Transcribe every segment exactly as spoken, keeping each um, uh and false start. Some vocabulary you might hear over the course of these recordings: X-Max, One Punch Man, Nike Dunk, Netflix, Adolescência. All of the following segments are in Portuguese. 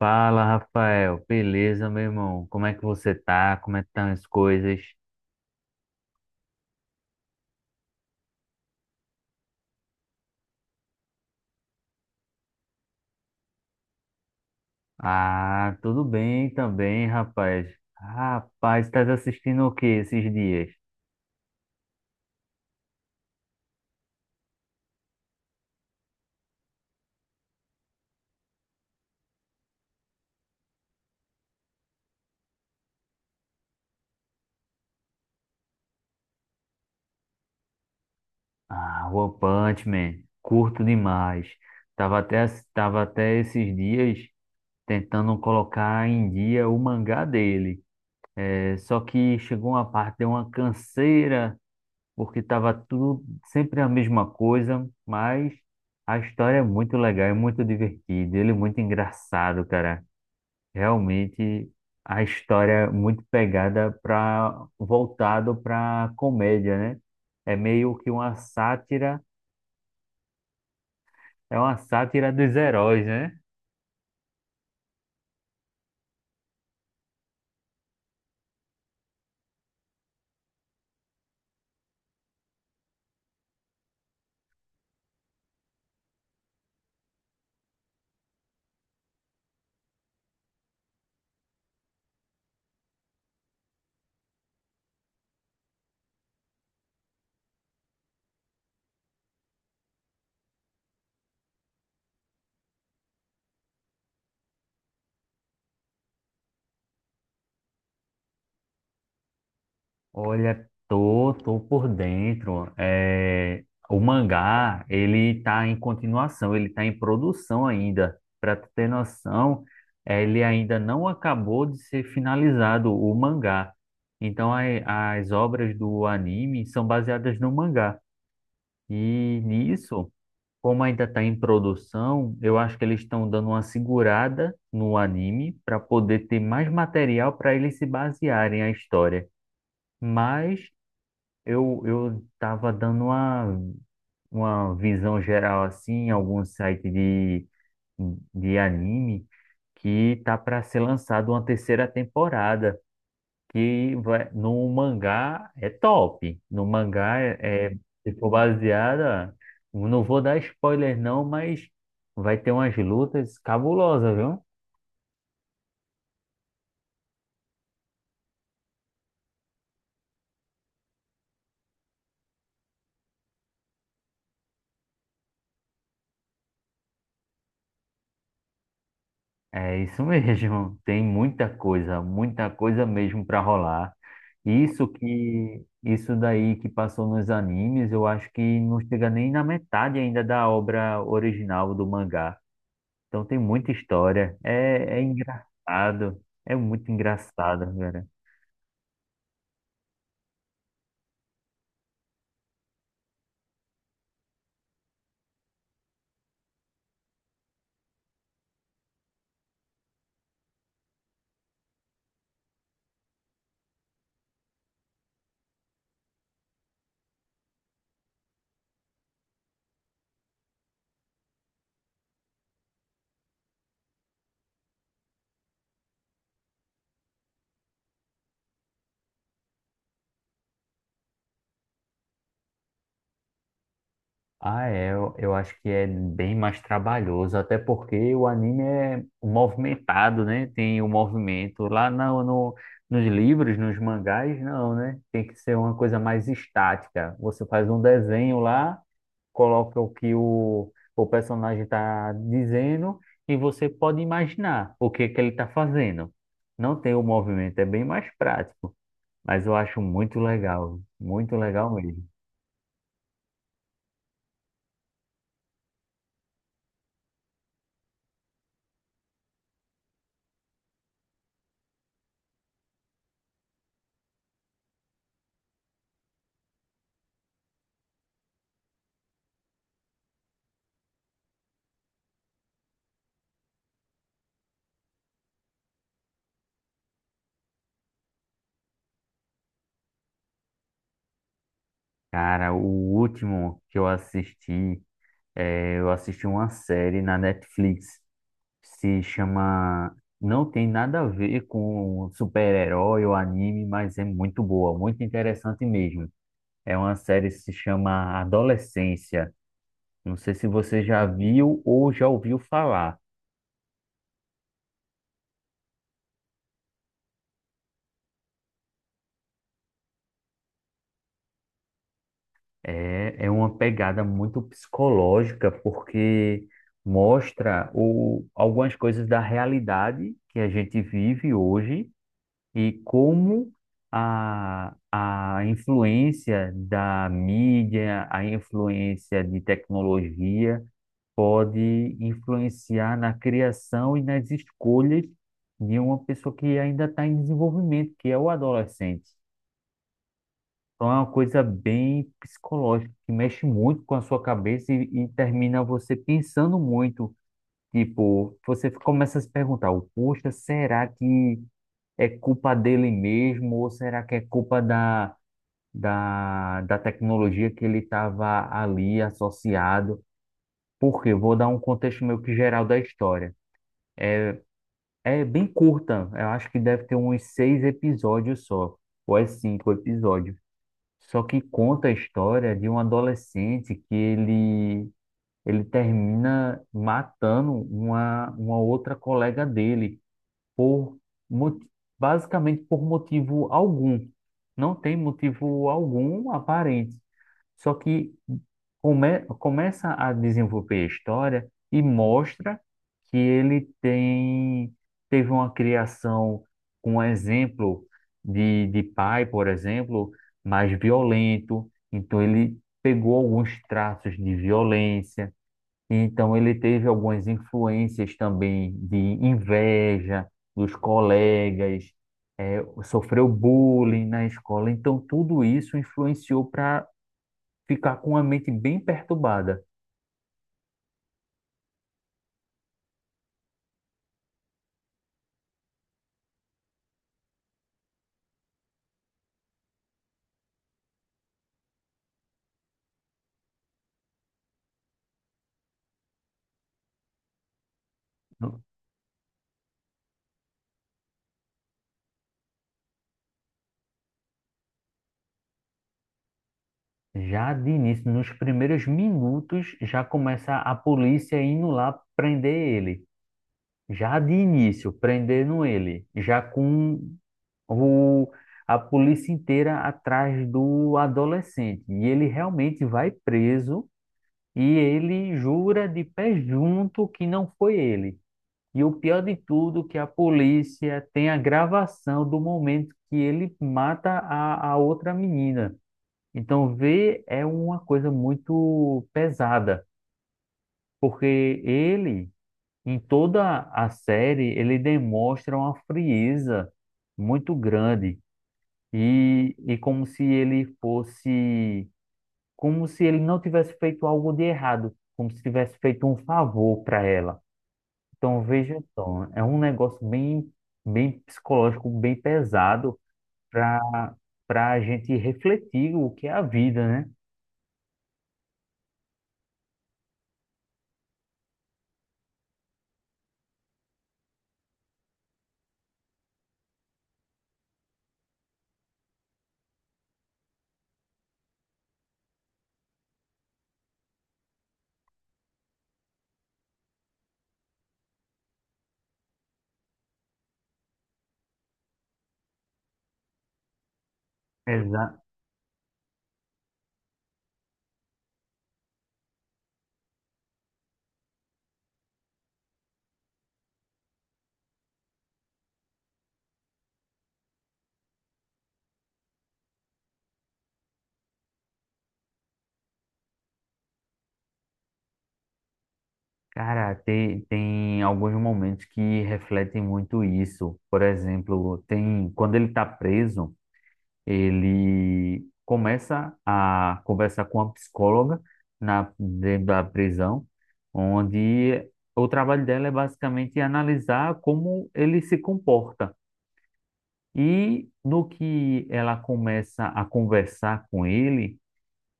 Fala, Rafael. Beleza, meu irmão? Como é que você tá? Como é que estão as coisas? Ah, tudo bem também, rapaz. Rapaz, estás assistindo o que esses dias? Ah, One Punch Man. Curto demais. Tava até, ass- tava até esses dias tentando colocar em dia o mangá dele. É, só que chegou uma parte, deu uma canseira, porque estava tudo sempre a mesma coisa, mas a história é muito legal, é muito divertida, ele é muito engraçado, cara. Realmente a história é muito pegada para voltado para comédia, né? É meio que uma sátira, é uma sátira dos heróis, né? Olha, tô, tô por dentro. É, o mangá, ele tá em continuação, ele tá em produção ainda. Para tu ter noção, é, ele ainda não acabou de ser finalizado, o mangá. Então, a- as obras do anime são baseadas no mangá. E nisso, como ainda está em produção, eu acho que eles estão dando uma segurada no anime para poder ter mais material para eles se basearem a história. Mas eu, eu tava dando uma, uma visão geral assim, em algum site de, de anime que tá para ser lançado uma terceira temporada, que vai, no mangá é top. No mangá é, é, se for baseada, não vou dar spoiler não, mas vai ter umas lutas cabulosas, viu? É isso mesmo, tem muita coisa, muita coisa mesmo para rolar. Isso que, isso daí que passou nos animes, eu acho que não chega nem na metade ainda da obra original do mangá. Então tem muita história, é, é engraçado, é muito engraçado. Ah, é, eu, eu acho que é bem mais trabalhoso, até porque o anime é movimentado, né? Tem o movimento. Lá no, no- nos livros, nos mangás, não, né? Tem que ser uma coisa mais estática. Você faz um desenho lá, coloca o que o, o personagem está dizendo e você pode imaginar o que é que ele está fazendo. Não tem o movimento, é bem mais prático, mas eu acho muito legal, muito legal mesmo. Cara, o último que eu assisti, é, eu assisti uma série na Netflix, se chama, não tem nada a ver com super-herói ou anime, mas é muito boa, muito interessante mesmo. É uma série que se chama Adolescência. Não sei se você já viu ou já ouviu falar. É, é uma pegada muito psicológica, porque mostra o, algumas coisas da realidade que a gente vive hoje e como a, a influência da mídia, a influência de tecnologia pode influenciar na criação e nas escolhas de uma pessoa que ainda está em desenvolvimento, que é o adolescente. Então é uma coisa bem psicológica, que mexe muito com a sua cabeça e, e termina você pensando muito. Tipo, você começa a se perguntar, poxa, será que é culpa dele mesmo ou será que é culpa da, da, da tecnologia que ele estava ali associado? Porque vou dar um contexto meio que geral da história. É bem curta, eu acho que deve ter uns seis episódios só, ou é cinco episódios. Só que conta a história de um adolescente que ele, ele termina matando uma, uma outra colega dele por mo- basicamente por motivo algum. Não tem motivo algum aparente. Só que come- começa a desenvolver a história e mostra que ele tem teve uma criação com um exemplo de, de pai, por exemplo, mais violento. Então ele pegou alguns traços de violência, então, ele teve algumas influências também de inveja dos colegas, eh, sofreu bullying na escola. Então, tudo isso influenciou para ficar com a mente bem perturbada. No- Já de início, nos primeiros minutos, já começa a polícia indo lá prender ele. Já de início, prendendo ele. Já com o, a polícia inteira atrás do adolescente. E ele realmente vai preso. E ele jura de pé junto que não foi ele. E o pior de tudo, é que a polícia tem a gravação do momento que ele mata a, a outra menina. Então, ver é uma coisa muito pesada, porque ele, em toda a série, ele demonstra uma frieza muito grande. E, e como se ele fosse, como se ele não tivesse feito algo de errado, como se tivesse feito um favor para ela. Então, veja só, é um negócio bem, bem psicológico, bem pesado para para a gente refletir o que é a vida, né? Exa Cara, tem, tem alguns momentos que refletem muito isso. Por exemplo, tem quando ele está preso. Ele começa a conversar com uma psicóloga na, dentro da prisão, onde o trabalho dela é basicamente analisar como ele se comporta. E no que ela começa a conversar com ele,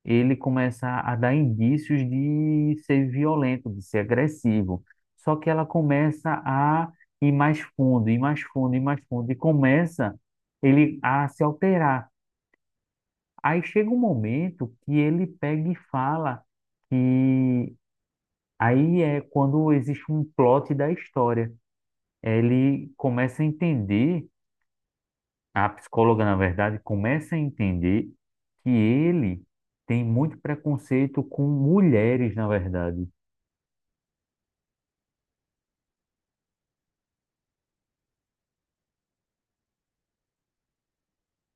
ele começa a dar indícios de ser violento, de ser agressivo. Só que ela começa a ir mais fundo, ir mais fundo, ir mais fundo, e começa ele a se alterar. Aí chega um momento que ele pega e fala que, aí é quando existe um plot da história. Ele começa a entender, a psicóloga, na verdade, começa a entender que ele tem muito preconceito com mulheres, na verdade.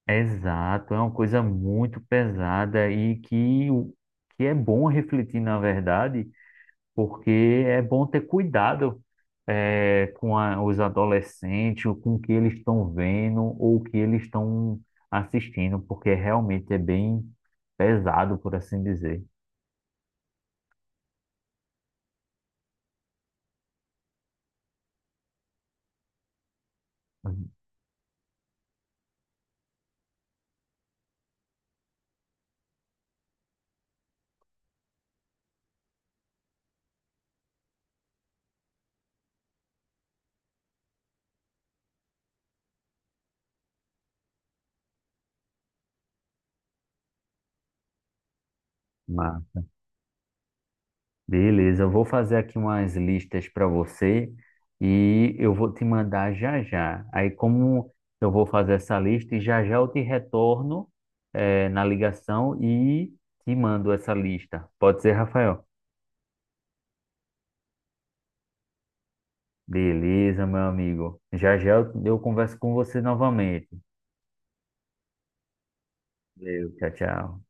Exato, é uma coisa muito pesada e que, o- que é bom refletir, na verdade, porque é bom ter cuidado, eh, com a- os adolescentes, ou com o que eles estão vendo ou o que eles estão assistindo, porque realmente é bem pesado, por assim dizer. Mas, beleza, eu vou fazer aqui umas listas para você e eu vou te mandar já já. Aí, como eu vou fazer essa lista e já já eu te retorno, eh, na ligação e te mando essa lista. Pode ser, Rafael? Beleza, meu amigo. Já já eu eu converso com você novamente. Valeu, tchau, tchau.